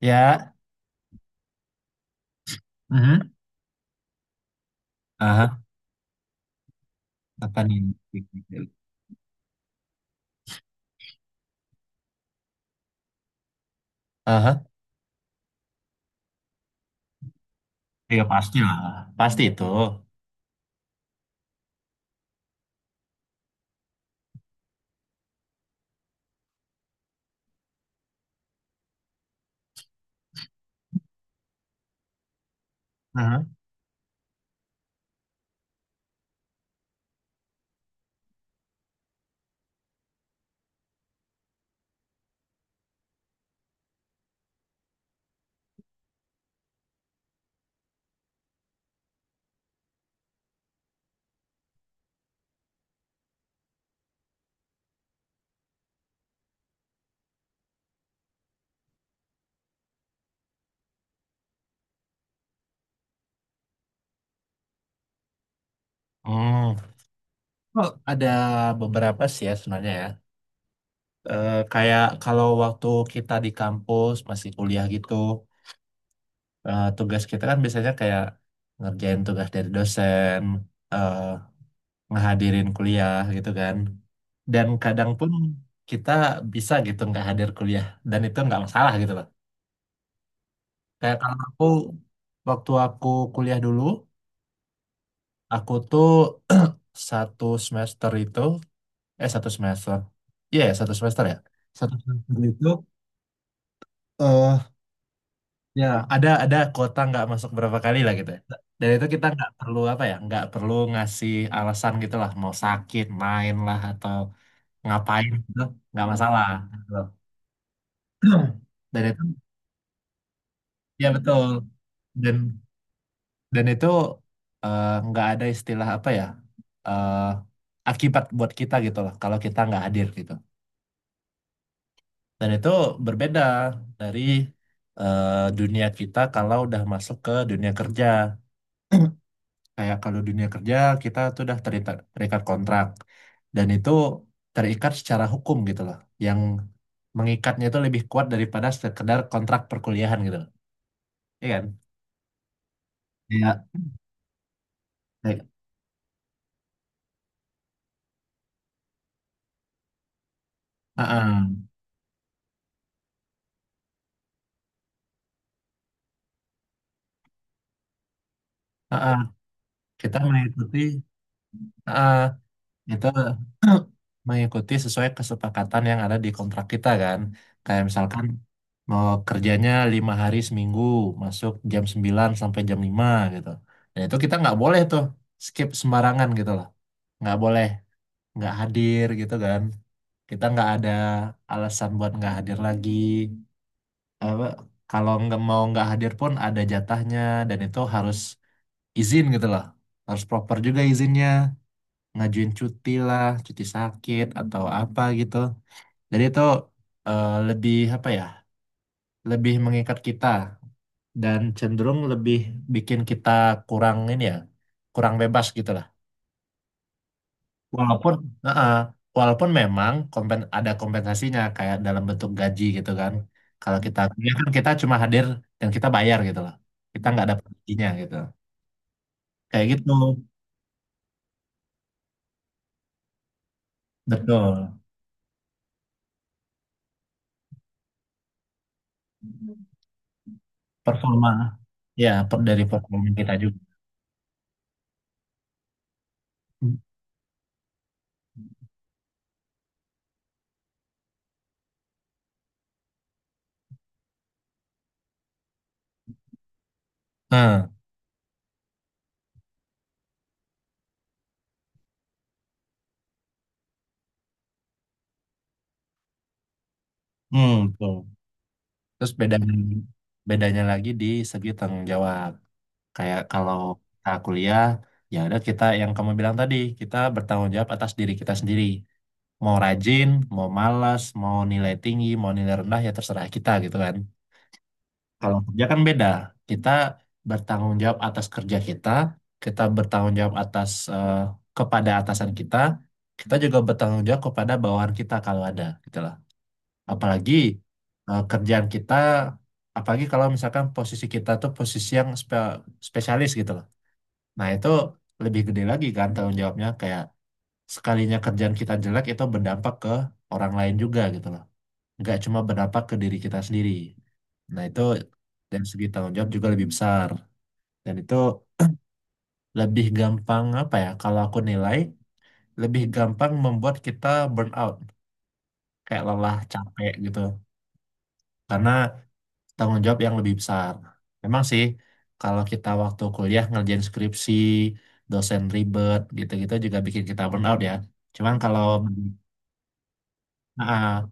Ya, Mhm. Aha, apa nih? Aha, ya pasti lah, pasti itu. Nah, Hmm. Oh, ada beberapa sih ya sebenarnya ya. Kayak kalau waktu kita di kampus masih kuliah gitu, tugas kita kan biasanya kayak ngerjain tugas dari dosen, eh, ngehadirin kuliah gitu kan. Dan kadang pun kita bisa gitu nggak hadir kuliah dan itu nggak masalah gitu loh. Kayak kalau waktu aku kuliah dulu. Aku tuh satu semester itu, satu semester, iya ya, satu semester itu, eh ya ada kuota nggak masuk berapa kali lah gitu. Ya. Dan itu kita nggak perlu apa ya, nggak perlu ngasih alasan gitu lah, mau sakit, main lah atau ngapain gitu, nggak masalah. Gitu. Dan itu, ya betul. Dan dan itu nggak ada istilah apa ya, eh, akibat buat kita gitu lah, kalau kita nggak hadir gitu. Dan itu berbeda dari eh, dunia kita kalau udah masuk ke dunia kerja. Kayak kalau dunia kerja kita tuh udah terikat kontrak dan itu terikat secara hukum gitu loh. Yang mengikatnya itu lebih kuat daripada sekedar kontrak perkuliahan gitu loh. Iya kan? Iya. Kayak, ah, ah, ah, ah. Kita mengikuti, ah, ah. Itu mengikuti sesuai kesepakatan yang ada di kontrak kita kan. Kayak misalkan mau kerjanya 5 hari seminggu, masuk jam 9 sampai jam 5 gitu. Dan itu kita nggak boleh tuh skip sembarangan gitu lah. Nggak boleh, nggak hadir gitu kan. Kita nggak ada alasan buat nggak hadir lagi. Apa, kalau nggak mau nggak hadir pun ada jatahnya dan itu harus izin gitu lah. Harus proper juga izinnya ngajuin cuti lah, cuti sakit atau apa gitu. Jadi itu lebih apa ya, lebih mengikat kita dan cenderung lebih bikin kita kurang ini ya, kurang bebas gitu lah. Walaupun, Heeh. Walaupun memang ada kompensasinya kayak dalam bentuk gaji gitu kan. Kalau kita kuliah kan kita cuma hadir dan kita bayar gitu loh. Kita nggak dapat gajinya gitu. Kayak gitu, betul. Performa, dari performa kita juga. Nah, betul. Terus bedanya lagi di segi tanggung jawab. Kayak kalau kita kuliah, ya udah kita yang kamu bilang tadi, kita bertanggung jawab atas diri kita sendiri. Mau rajin, mau malas, mau nilai tinggi, mau nilai rendah, ya terserah kita gitu kan. Kalau kerja kan beda. Kita bertanggung jawab atas kerja kita, kita bertanggung jawab atas, kepada atasan kita, kita juga bertanggung jawab kepada bawahan kita kalau ada gitu. Apalagi kerjaan kita, apalagi kalau misalkan posisi kita tuh posisi yang spesialis gitu loh. Nah itu lebih gede lagi kan tanggung jawabnya, kayak sekalinya kerjaan kita jelek itu berdampak ke orang lain juga gitu loh. Nggak cuma berdampak ke diri kita sendiri. Nah itu dari segi tanggung jawab juga lebih besar. Dan itu lebih gampang apa ya, kalau aku nilai, lebih gampang membuat kita burn out. Kayak lelah, capek gitu. Karena tanggung jawab yang lebih besar. Memang sih, kalau kita waktu kuliah ngerjain skripsi, dosen ribet, gitu-gitu juga bikin kita burn out ya. Cuman kalau ah,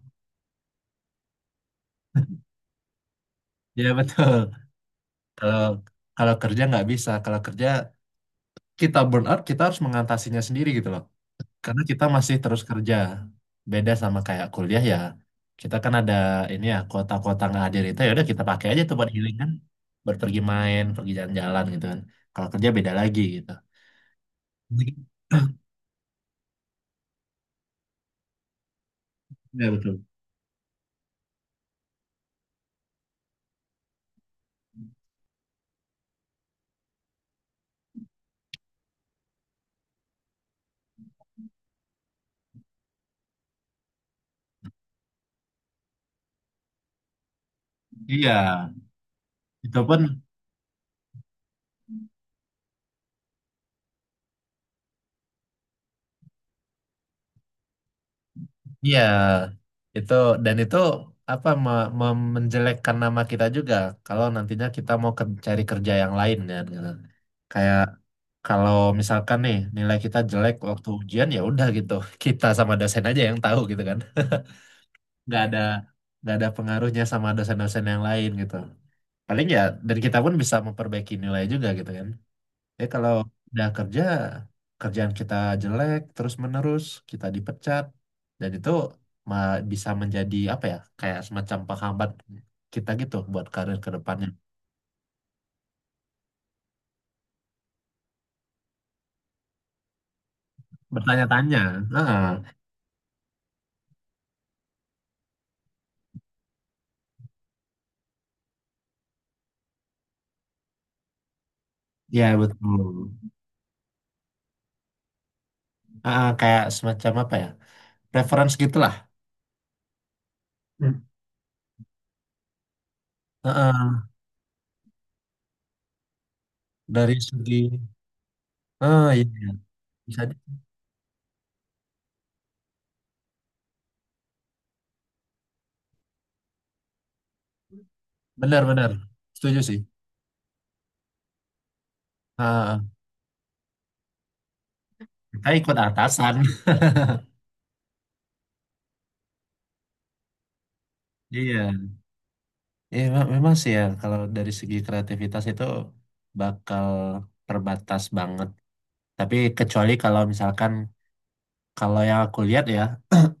ya betul. Kalau kalau kerja nggak bisa. Kalau kerja kita burn out, kita harus mengatasinya sendiri gitu loh. Karena kita masih terus kerja. Beda sama kayak kuliah ya. Kita kan ada ini ya, kuota-kuota nggak hadir itu ya udah kita pakai aja tuh buat healing kan. Buat pergi main, pergi jalan-jalan gitu kan. Kalau kerja beda lagi gitu. Iya betul. Iya, itu pun iya itu dan itu apa menjelekkan nama kita juga kalau nantinya kita mau cari kerja yang lain ya. Gitu. Kayak kalau misalkan nih, nilai kita jelek waktu ujian ya udah gitu. Kita sama dosen aja yang tahu gitu kan. Nggak ada nggak ada pengaruhnya sama dosen-dosen yang lain gitu. Paling ya, dan kita pun bisa memperbaiki nilai juga gitu kan. Kalau udah kerja, kerjaan kita jelek terus-menerus, kita dipecat, dan itu bisa menjadi apa ya, kayak semacam penghambat kita gitu buat karir ke depannya. Bertanya-tanya, ah, ya betul, ah, kayak semacam apa ya, reference gitulah. Hmm. Heeh, dari segi, ah iya, iya. bisa Benar-benar setuju sih. Ah, kita ikut atasan, iya. Ya, memang sih ya kalau dari segi kreativitas itu bakal terbatas banget. Tapi kecuali kalau misalkan, kalau yang aku lihat ya,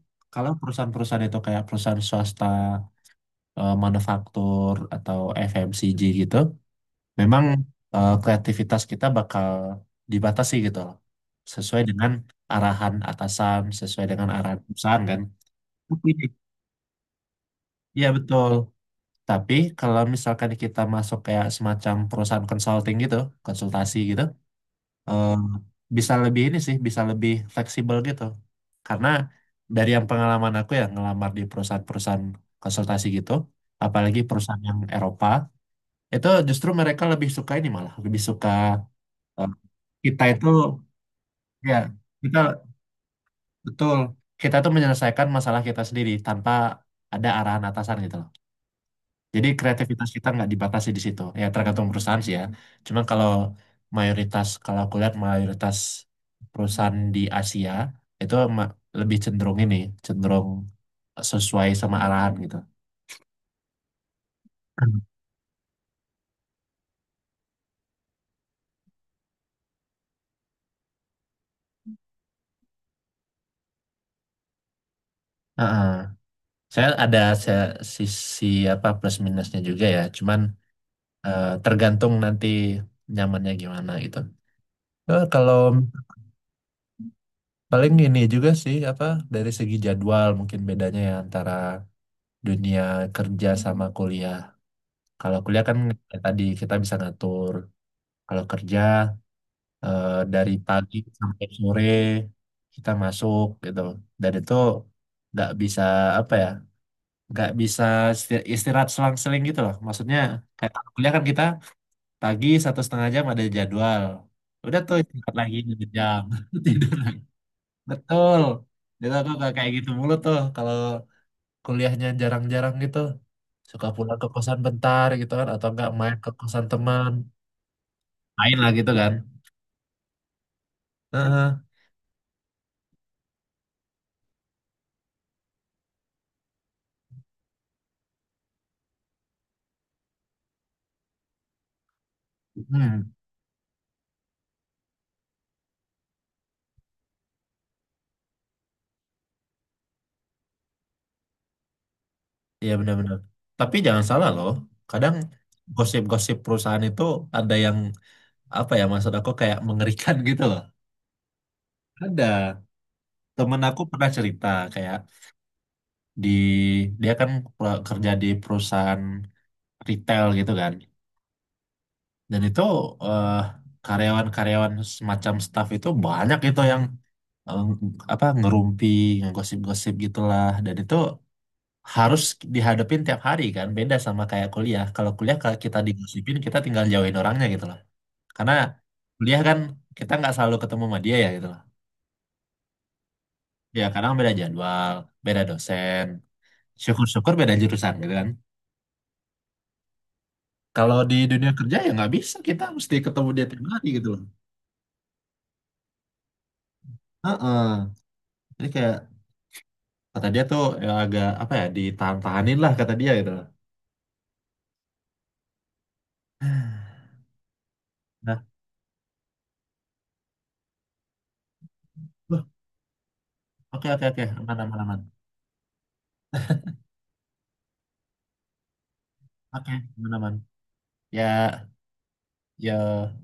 kalau perusahaan-perusahaan itu kayak perusahaan swasta, manufaktur atau FMCG gitu, memang kreativitas kita bakal dibatasi gitu loh. Sesuai dengan arahan atasan, sesuai dengan arahan perusahaan kan. Tapi, iya betul. Tapi kalau misalkan kita masuk kayak semacam perusahaan consulting gitu, konsultasi gitu, eh, bisa lebih ini sih, bisa lebih fleksibel gitu. Karena dari yang pengalaman aku ya, ngelamar di perusahaan-perusahaan konsultasi gitu, apalagi perusahaan yang Eropa, itu justru mereka lebih suka ini malah, lebih suka eh, kita itu, ya kita, betul, kita tuh menyelesaikan masalah kita sendiri tanpa ada arahan atasan gitu loh. Jadi kreativitas kita nggak dibatasi di situ. Ya tergantung perusahaan sih ya. Cuman kalau mayoritas, kalau aku lihat mayoritas perusahaan di Asia itu lebih cenderung ini, cenderung sesuai sama arahan gitu. Heeh. Saya ada saya, sisi apa plus minusnya juga ya. Cuman tergantung nanti nyamannya gimana gitu. Kalau paling ini juga sih apa, dari segi jadwal mungkin bedanya ya antara dunia kerja sama kuliah. Kalau kuliah kan kayak tadi kita bisa ngatur. Kalau kerja dari pagi sampai sore kita masuk gitu. Dan itu nggak bisa apa ya, nggak bisa istirahat selang-seling gitu loh. Maksudnya kayak kalau kuliah kan kita pagi 1,5 jam ada jadwal. Udah tuh istirahat lagi 2 jam, tidur lagi. Betul. Jadi aku nggak kayak gitu mulu tuh kalau kuliahnya jarang-jarang gitu. Suka pulang ke kosan bentar gitu kan atau nggak main ke kosan teman. Main lah gitu kan. Heeh. Hmm, iya benar-benar. Tapi jangan salah loh, kadang gosip-gosip perusahaan itu ada yang apa ya, maksud aku kayak mengerikan gitu loh. Ada temen aku pernah cerita kayak, di, dia kan kerja di perusahaan retail gitu kan, dan itu eh, karyawan-karyawan semacam staff itu banyak gitu yang eh, apa ngerumpi, ngegosip-gosip gitulah, dan itu harus dihadapin tiap hari kan, beda sama kayak kuliah. Kalau kuliah, kalau kita digosipin, kita tinggal jauhin orangnya gitu loh, karena kuliah kan kita nggak selalu ketemu sama dia ya gitu loh. Ya kadang beda jadwal, beda dosen, syukur-syukur beda jurusan gitu kan. Kalau di dunia kerja ya nggak bisa, kita mesti ketemu dia tiap hari gitu loh. Heeh. Jadi kayak kata dia tuh ya agak apa ya, ditahan-tahanin lah kata dia gitu loh. Nah. Loh, oke, oke, oke, aman, aman, aman. Oke, aman, aman, ya, ya.